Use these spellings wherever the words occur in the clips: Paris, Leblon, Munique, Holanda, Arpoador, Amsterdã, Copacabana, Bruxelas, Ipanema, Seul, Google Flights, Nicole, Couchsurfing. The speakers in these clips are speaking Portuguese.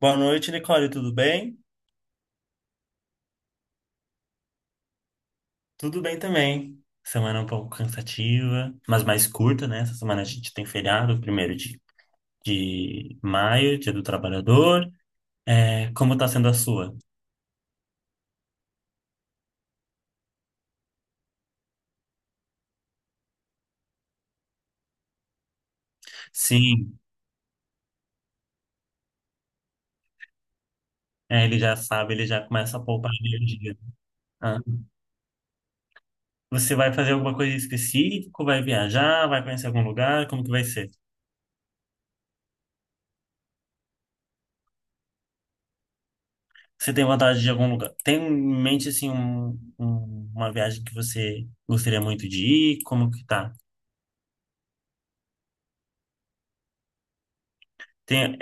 Boa noite, Nicole, tudo bem? Tudo bem também. Semana um pouco cansativa, mas mais curta, né? Essa semana a gente tem feriado, primeiro de maio, Dia do Trabalhador. É, como tá sendo a sua? Sim, é, ele já sabe, ele já começa a poupar energia. Ah, você vai fazer alguma coisa específica? Vai viajar? Vai conhecer algum lugar? Como que vai ser? Você tem vontade de algum lugar? Tem em mente, assim, uma viagem que você gostaria muito de ir? Como que tá? Tem.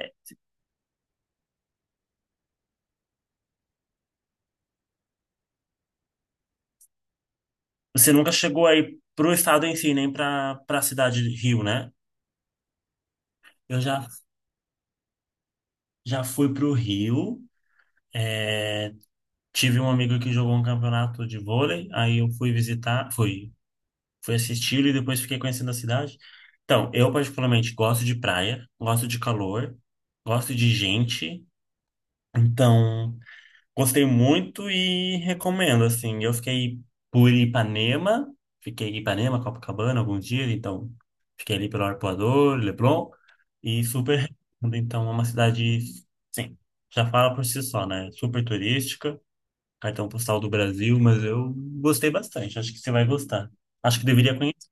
Você nunca chegou aí pro estado em si, nem pra cidade de Rio, né? Eu já, Já fui pro Rio. É, tive um amigo que jogou um campeonato de vôlei. Aí eu fui visitar, fui assistir e depois fiquei conhecendo a cidade. Então, eu particularmente gosto de praia, gosto de calor, gosto de gente. Então. Gostei muito e recomendo, assim. Eu por Ipanema, fiquei em Ipanema, Copacabana alguns dias, então fiquei ali pelo Arpoador, Leblon, e super recomendo. Então, é uma cidade, sim, já fala por si só, né? Super turística, cartão postal do Brasil, mas eu gostei bastante, acho que você vai gostar. Acho que deveria conhecer.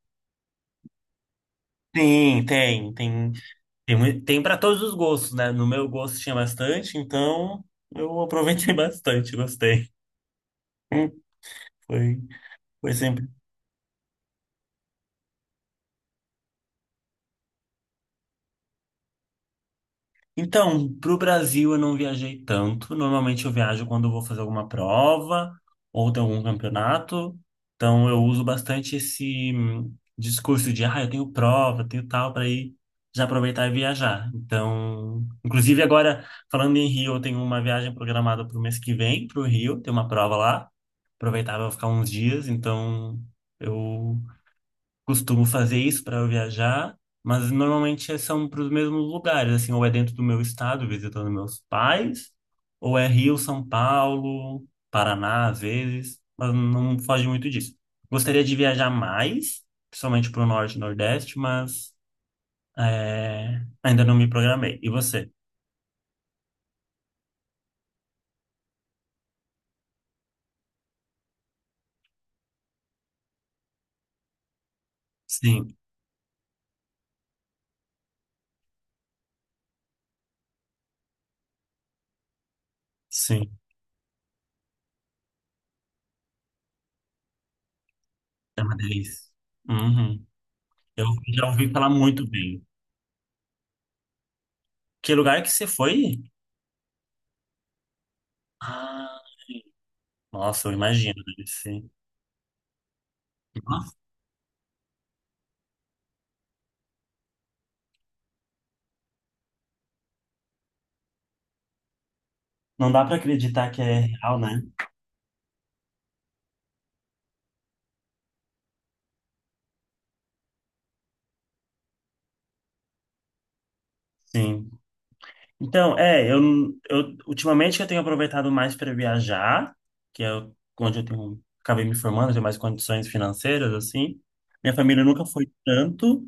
Sim, tem, tem para todos os gostos, né? No meu gosto tinha bastante, então eu aproveitei bastante, gostei. Hum. Foi. Por exemplo, então, para o Brasil eu não viajei tanto. Normalmente eu viajo quando eu vou fazer alguma prova ou tem algum campeonato. Então eu uso bastante esse discurso de, ah, eu tenho prova, eu tenho tal, para ir já aproveitar e viajar. Então, inclusive agora, falando em Rio, eu tenho uma viagem programada para o mês que vem, para o Rio, tem uma prova lá. Aproveitar para ficar uns dias, então eu costumo fazer isso para viajar, mas normalmente são para os mesmos lugares, assim, ou é dentro do meu estado, visitando meus pais, ou é Rio, São Paulo, Paraná, às vezes, mas não foge muito disso. Gostaria de viajar mais, principalmente para o Norte e Nordeste, mas é, ainda não me programei. E você? Sim, sim, é uma delícia. Uhum. Eu já ouvi falar muito bem. Que lugar que você foi? Ah, nossa, eu imagino, deve ser. Não dá para acreditar que é real, né? Sim. Então, é, eu ultimamente que eu tenho aproveitado mais para viajar, que é o- onde eu tenho, acabei me formando, tenho mais condições financeiras, assim. Minha família nunca foi tanto.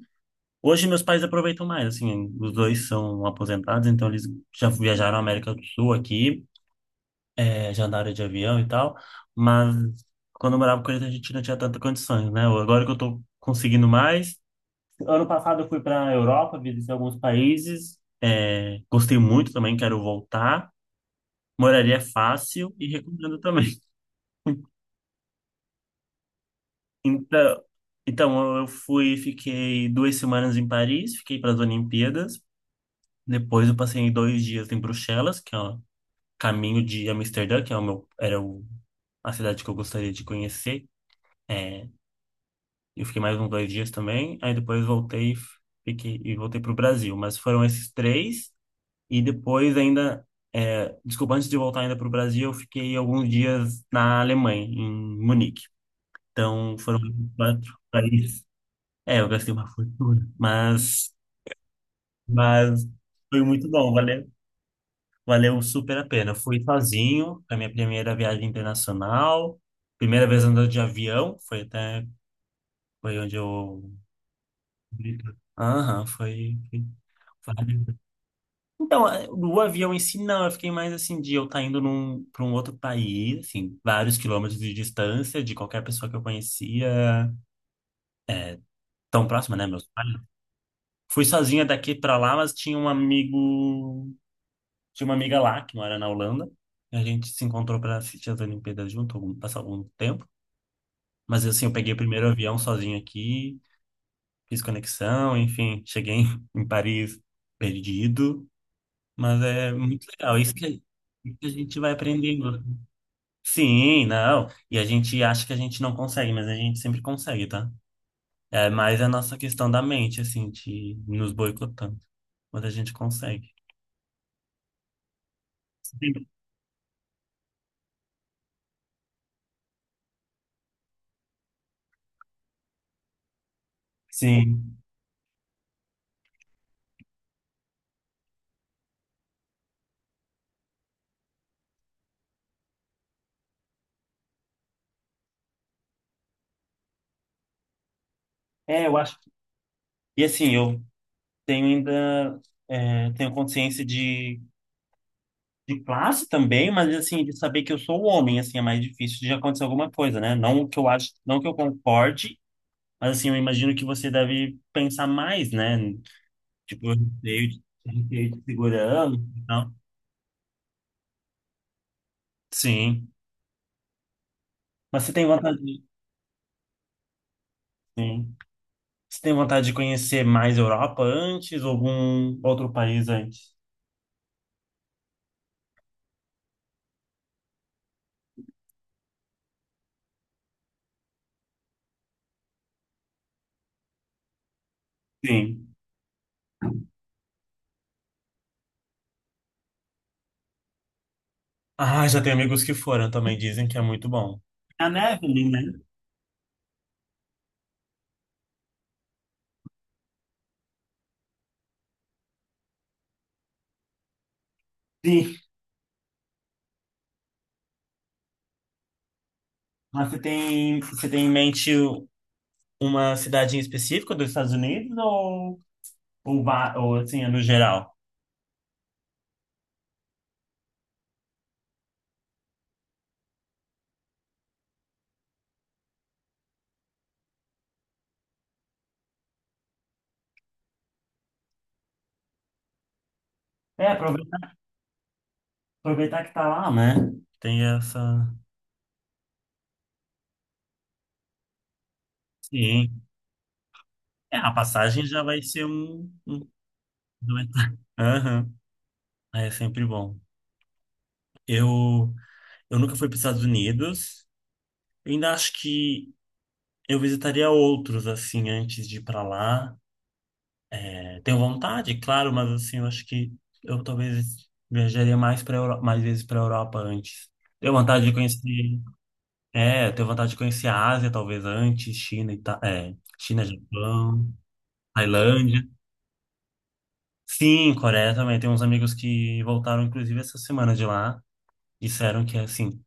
Hoje meus pais aproveitam mais, assim, os dois são aposentados, então eles já viajaram à América do Sul aqui, é, já andaram de avião e tal, mas quando eu morava com eles a gente não tinha tanta condições, né? Agora que eu tô conseguindo mais, ano passado eu fui para a Europa, visitei alguns países, é, gostei muito também, quero voltar. Moraria fácil e recomendo também. Então, então eu fui, fiquei 2 semanas em Paris, fiquei para as Olimpíadas. Depois eu passei 2 dias em Bruxelas, que é o caminho de Amsterdã, que é o meu, era o, a cidade que eu gostaria de conhecer. É, eu fiquei mais uns 2 dias também. Aí depois voltei, e fiquei e voltei para o Brasil. Mas foram esses três. E depois ainda, é, desculpa, antes de voltar ainda para o Brasil, eu fiquei alguns dias na Alemanha, em Munique. Então foram quatro países. É, eu gastei uma fortuna, mas foi muito bom, valeu super a pena. Eu fui sozinho, foi a minha primeira viagem internacional, primeira vez andando de avião, foi onde eu... Aham, foi. Então, o avião em si, não. Eu fiquei mais assim de eu estar indo para um outro país, assim, vários quilômetros de distância de qualquer pessoa que eu conhecia, tão próxima, né, meus pais. Fui sozinha daqui para lá, mas tinha uma amiga lá que mora na Holanda. E a gente se encontrou para assistir as Olimpíadas junto, passar algum tempo. Mas assim, eu peguei o primeiro avião sozinho aqui, fiz conexão, enfim, cheguei em Paris perdido, mas é muito legal. Isso que a gente vai aprendendo. Sim, não. E a gente acha que a gente não consegue, mas a gente sempre consegue, tá? É mais a nossa questão da mente, assim, de nos boicotando. Mas a gente consegue. Sim. Sim. É, eu acho. E assim, eu tenho ainda. É, tenho consciência de classe também, mas assim, de saber que eu sou homem, assim, é mais difícil de acontecer alguma coisa, né? Não que eu acho, não que eu concorde, mas assim, eu imagino que você deve pensar mais, né? Tipo, eu receio de segurança e tal. Sim. Mas você tem vontade de, sim. Você tem vontade de conhecer mais Europa antes ou algum outro país antes? Sim. Ah, já tem amigos que foram também, dizem que é muito bom. A neve ali, né? Sim. Mas você tem em mente uma cidade em específico dos Estados Unidos ou, ou assim, é no geral? É, aproveitar que tá lá, né? Tem essa. Sim. É, a passagem já vai ser um... já vai tá- Aham. É sempre bom. Eu. Eu nunca fui para os Estados Unidos. Eu ainda acho que eu visitaria outros, assim, antes de ir para lá. É, tenho vontade, claro, mas, assim, eu acho que eu talvez viajaria mais, mais vezes para a Europa antes. Tenho vontade de conhecer. É, tenho vontade de conhecer a Ásia, talvez antes, China, Japão, Tailândia. Sim, Coreia também. Tem uns amigos que voltaram, inclusive, essa semana de lá. Disseram que, assim,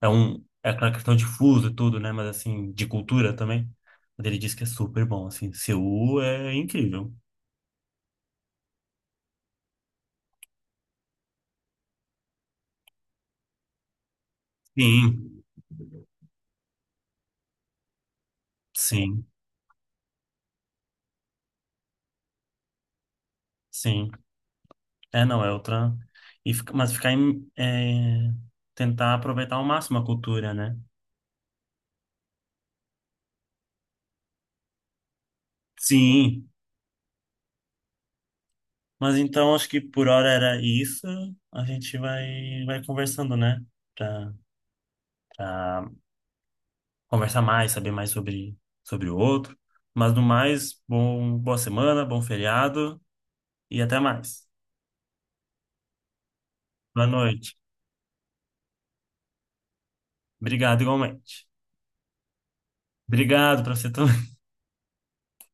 É um, é aquela questão de fuso e tudo, né? Mas assim, de cultura também. Mas ele diz que é super bom, assim. Seul é incrível. Sim, sim, sim. É, não, é outra. E, tentar aproveitar ao máximo a cultura, né? Sim. Mas então acho que por hora era isso. A gente vai conversando, né? Pra, Pra conversar mais, saber mais sobre o outro. Mas no mais, bom, boa semana, bom feriado e até mais. Boa noite. Obrigado, igualmente. Obrigado para você também.